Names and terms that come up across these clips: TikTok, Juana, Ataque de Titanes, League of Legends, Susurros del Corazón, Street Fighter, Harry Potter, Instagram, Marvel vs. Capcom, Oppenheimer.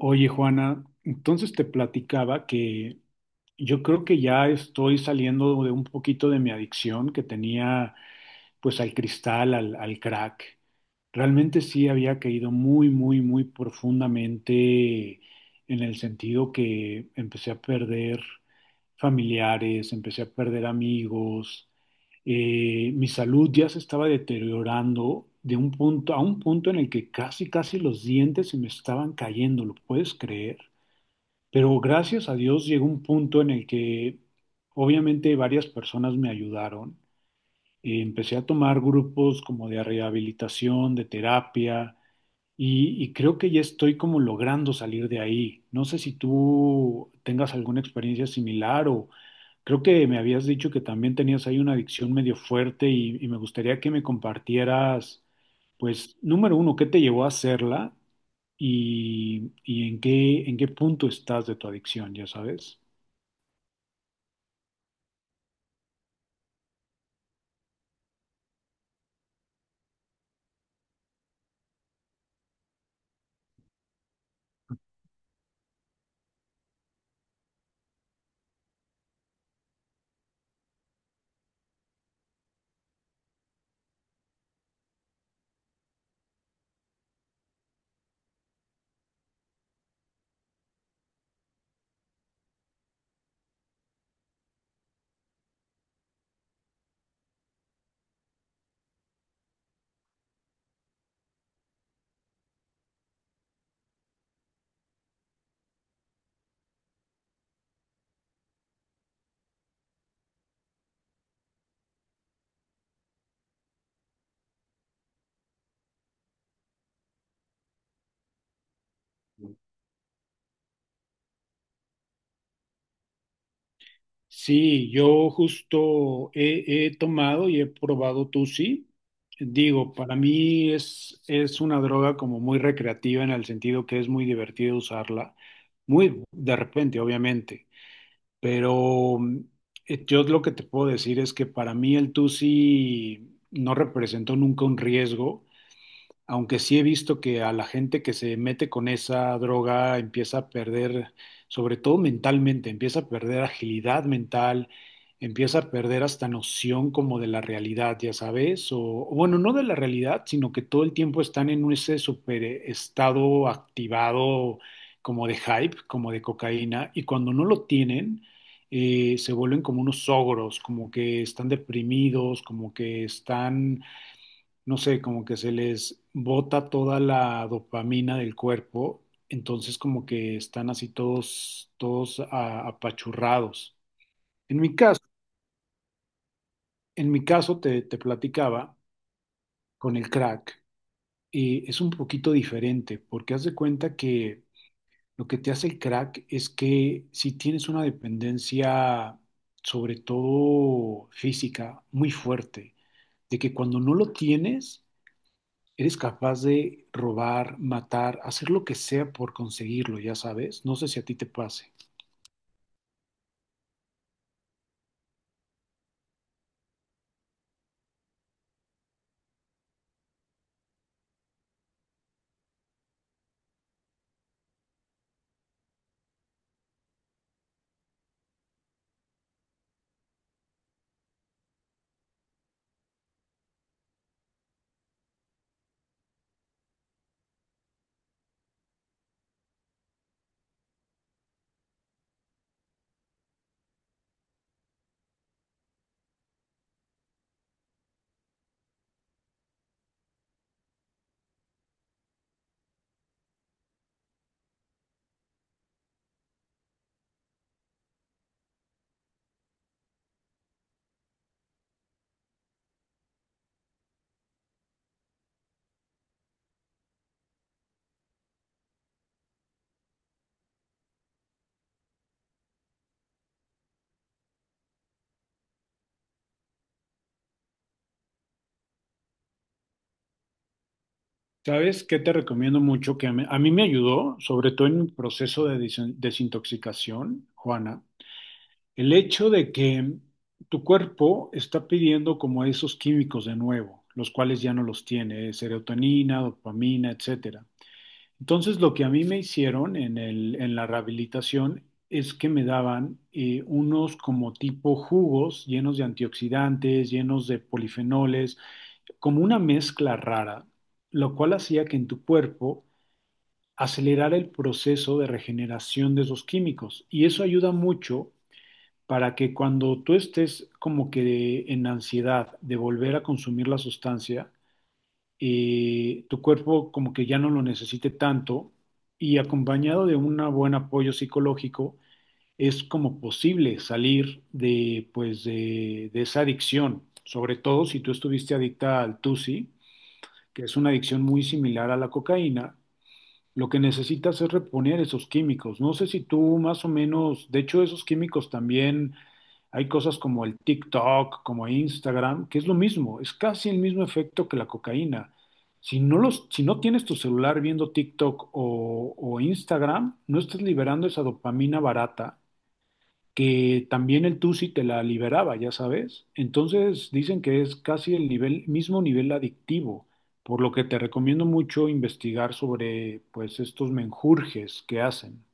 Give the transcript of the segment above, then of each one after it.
Oye, Juana, entonces te platicaba que yo creo que ya estoy saliendo de un poquito de mi adicción que tenía pues al cristal, al crack. Realmente sí había caído muy, muy, muy profundamente en el sentido que empecé a perder familiares, empecé a perder amigos, mi salud ya se estaba deteriorando de un punto a un punto en el que casi, casi los dientes se me estaban cayendo, ¿lo puedes creer? Pero gracias a Dios llegó un punto en el que obviamente varias personas me ayudaron. Empecé a tomar grupos como de rehabilitación, de terapia, y creo que ya estoy como logrando salir de ahí. No sé si tú tengas alguna experiencia similar o creo que me habías dicho que también tenías ahí una adicción medio fuerte y me gustaría que me compartieras, pues, número uno, ¿qué te llevó a hacerla y en qué punto estás de tu adicción, ya sabes? Sí, yo justo he tomado y he probado Tusi. Digo, para mí es una droga como muy recreativa en el sentido que es muy divertido usarla, muy de repente, obviamente, pero yo lo que te puedo decir es que para mí el Tusi no representó nunca un riesgo, aunque sí he visto que a la gente que se mete con esa droga empieza a perder, sobre todo mentalmente, empieza a perder agilidad mental, empieza a perder hasta noción como de la realidad, ya sabes, o bueno, no de la realidad, sino que todo el tiempo están en ese super estado activado, como de hype, como de cocaína, y cuando no lo tienen, se vuelven como unos ogros, como que están deprimidos, como que están, no sé, como que se les bota toda la dopamina del cuerpo, entonces como que están así todos apachurrados. En mi caso, en mi caso te, te platicaba con el crack. Eh, es un poquito diferente, porque haz de cuenta que lo que te hace el crack es que si tienes una dependencia, sobre todo física, muy fuerte, de que cuando no lo tienes, eres capaz de robar, matar, hacer lo que sea por conseguirlo, ya sabes. No sé si a ti te pase. ¿Sabes qué te recomiendo mucho? Que a mí me ayudó, sobre todo en mi proceso de desintoxicación, Juana, el hecho de que tu cuerpo está pidiendo como esos químicos de nuevo, los cuales ya no los tiene, serotonina, dopamina, etcétera. Entonces, lo que a mí me hicieron en en la rehabilitación es que me daban unos como tipo jugos llenos de antioxidantes, llenos de polifenoles, como una mezcla rara, lo cual hacía que en tu cuerpo acelerara el proceso de regeneración de esos químicos. Y eso ayuda mucho para que cuando tú estés como que en ansiedad de volver a consumir la sustancia, tu cuerpo como que ya no lo necesite tanto, y acompañado de un buen apoyo psicológico es como posible salir de, pues, de esa adicción. Sobre todo si tú estuviste adicta al TUSI, que es una adicción muy similar a la cocaína, lo que necesitas es reponer esos químicos. No sé si tú más o menos, de hecho esos químicos también, hay cosas como el TikTok, como Instagram, que es lo mismo, es casi el mismo efecto que la cocaína. Si no tienes tu celular viendo TikTok o Instagram, no estás liberando esa dopamina barata que también el TUSI te la liberaba, ya sabes. Entonces dicen que es casi el mismo nivel adictivo, por lo que te recomiendo mucho investigar sobre pues estos menjurjes que hacen.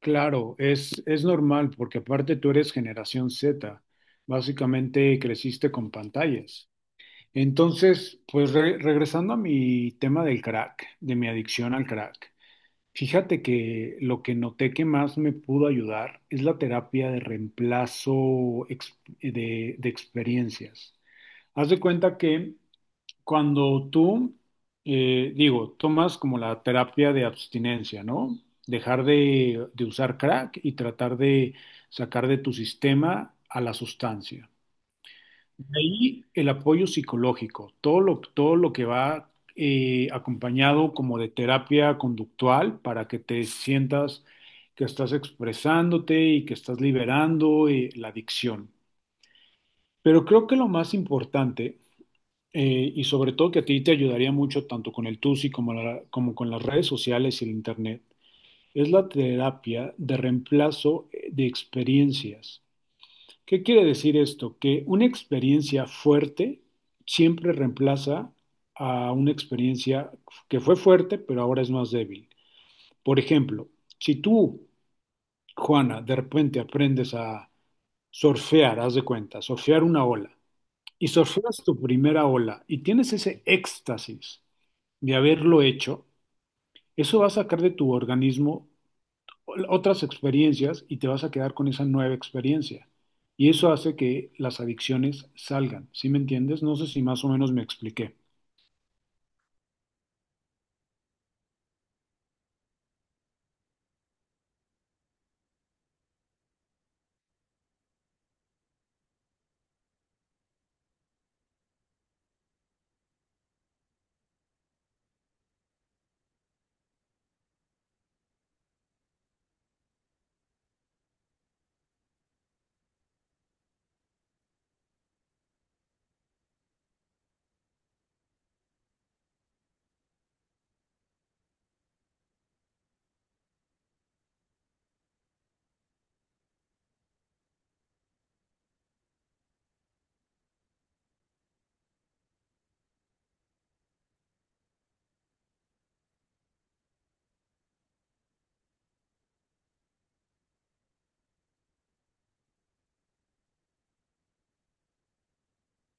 Claro, es normal porque aparte tú eres generación Z, básicamente creciste con pantallas. Entonces, pues regresando a mi tema del crack, de mi adicción al crack. Fíjate que lo que noté que más me pudo ayudar es la terapia de reemplazo de experiencias. Haz de cuenta que cuando tú, digo, tomas como la terapia de abstinencia, ¿no? Dejar de usar crack y tratar de sacar de tu sistema a la sustancia. Ahí el apoyo psicológico, todo lo que va acompañado como de terapia conductual para que te sientas que estás expresándote y que estás liberando, la adicción. Pero creo que lo más importante, y sobre todo que a ti te ayudaría mucho tanto con el TUSI como con las redes sociales y el Internet, es la terapia de reemplazo, de experiencias. ¿Qué quiere decir esto? Que una experiencia fuerte siempre reemplaza a una experiencia que fue fuerte, pero ahora es más débil. Por ejemplo, si tú, Juana, de repente aprendes a surfear, haz de cuenta, surfear una ola, y surfeas tu primera ola y tienes ese éxtasis de haberlo hecho, eso va a sacar de tu organismo otras experiencias y te vas a quedar con esa nueva experiencia. Y eso hace que las adicciones salgan. ¿Sí me entiendes? No sé si más o menos me expliqué.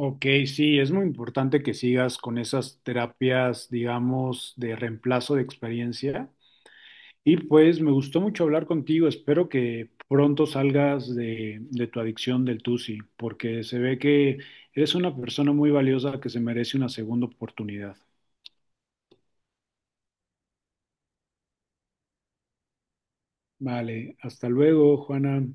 Ok, sí, es muy importante que sigas con esas terapias, digamos, de reemplazo de experiencia. Y pues me gustó mucho hablar contigo. Espero que pronto salgas de tu adicción del TUSI, porque se ve que eres una persona muy valiosa que se merece una segunda oportunidad. Vale, hasta luego, Juana.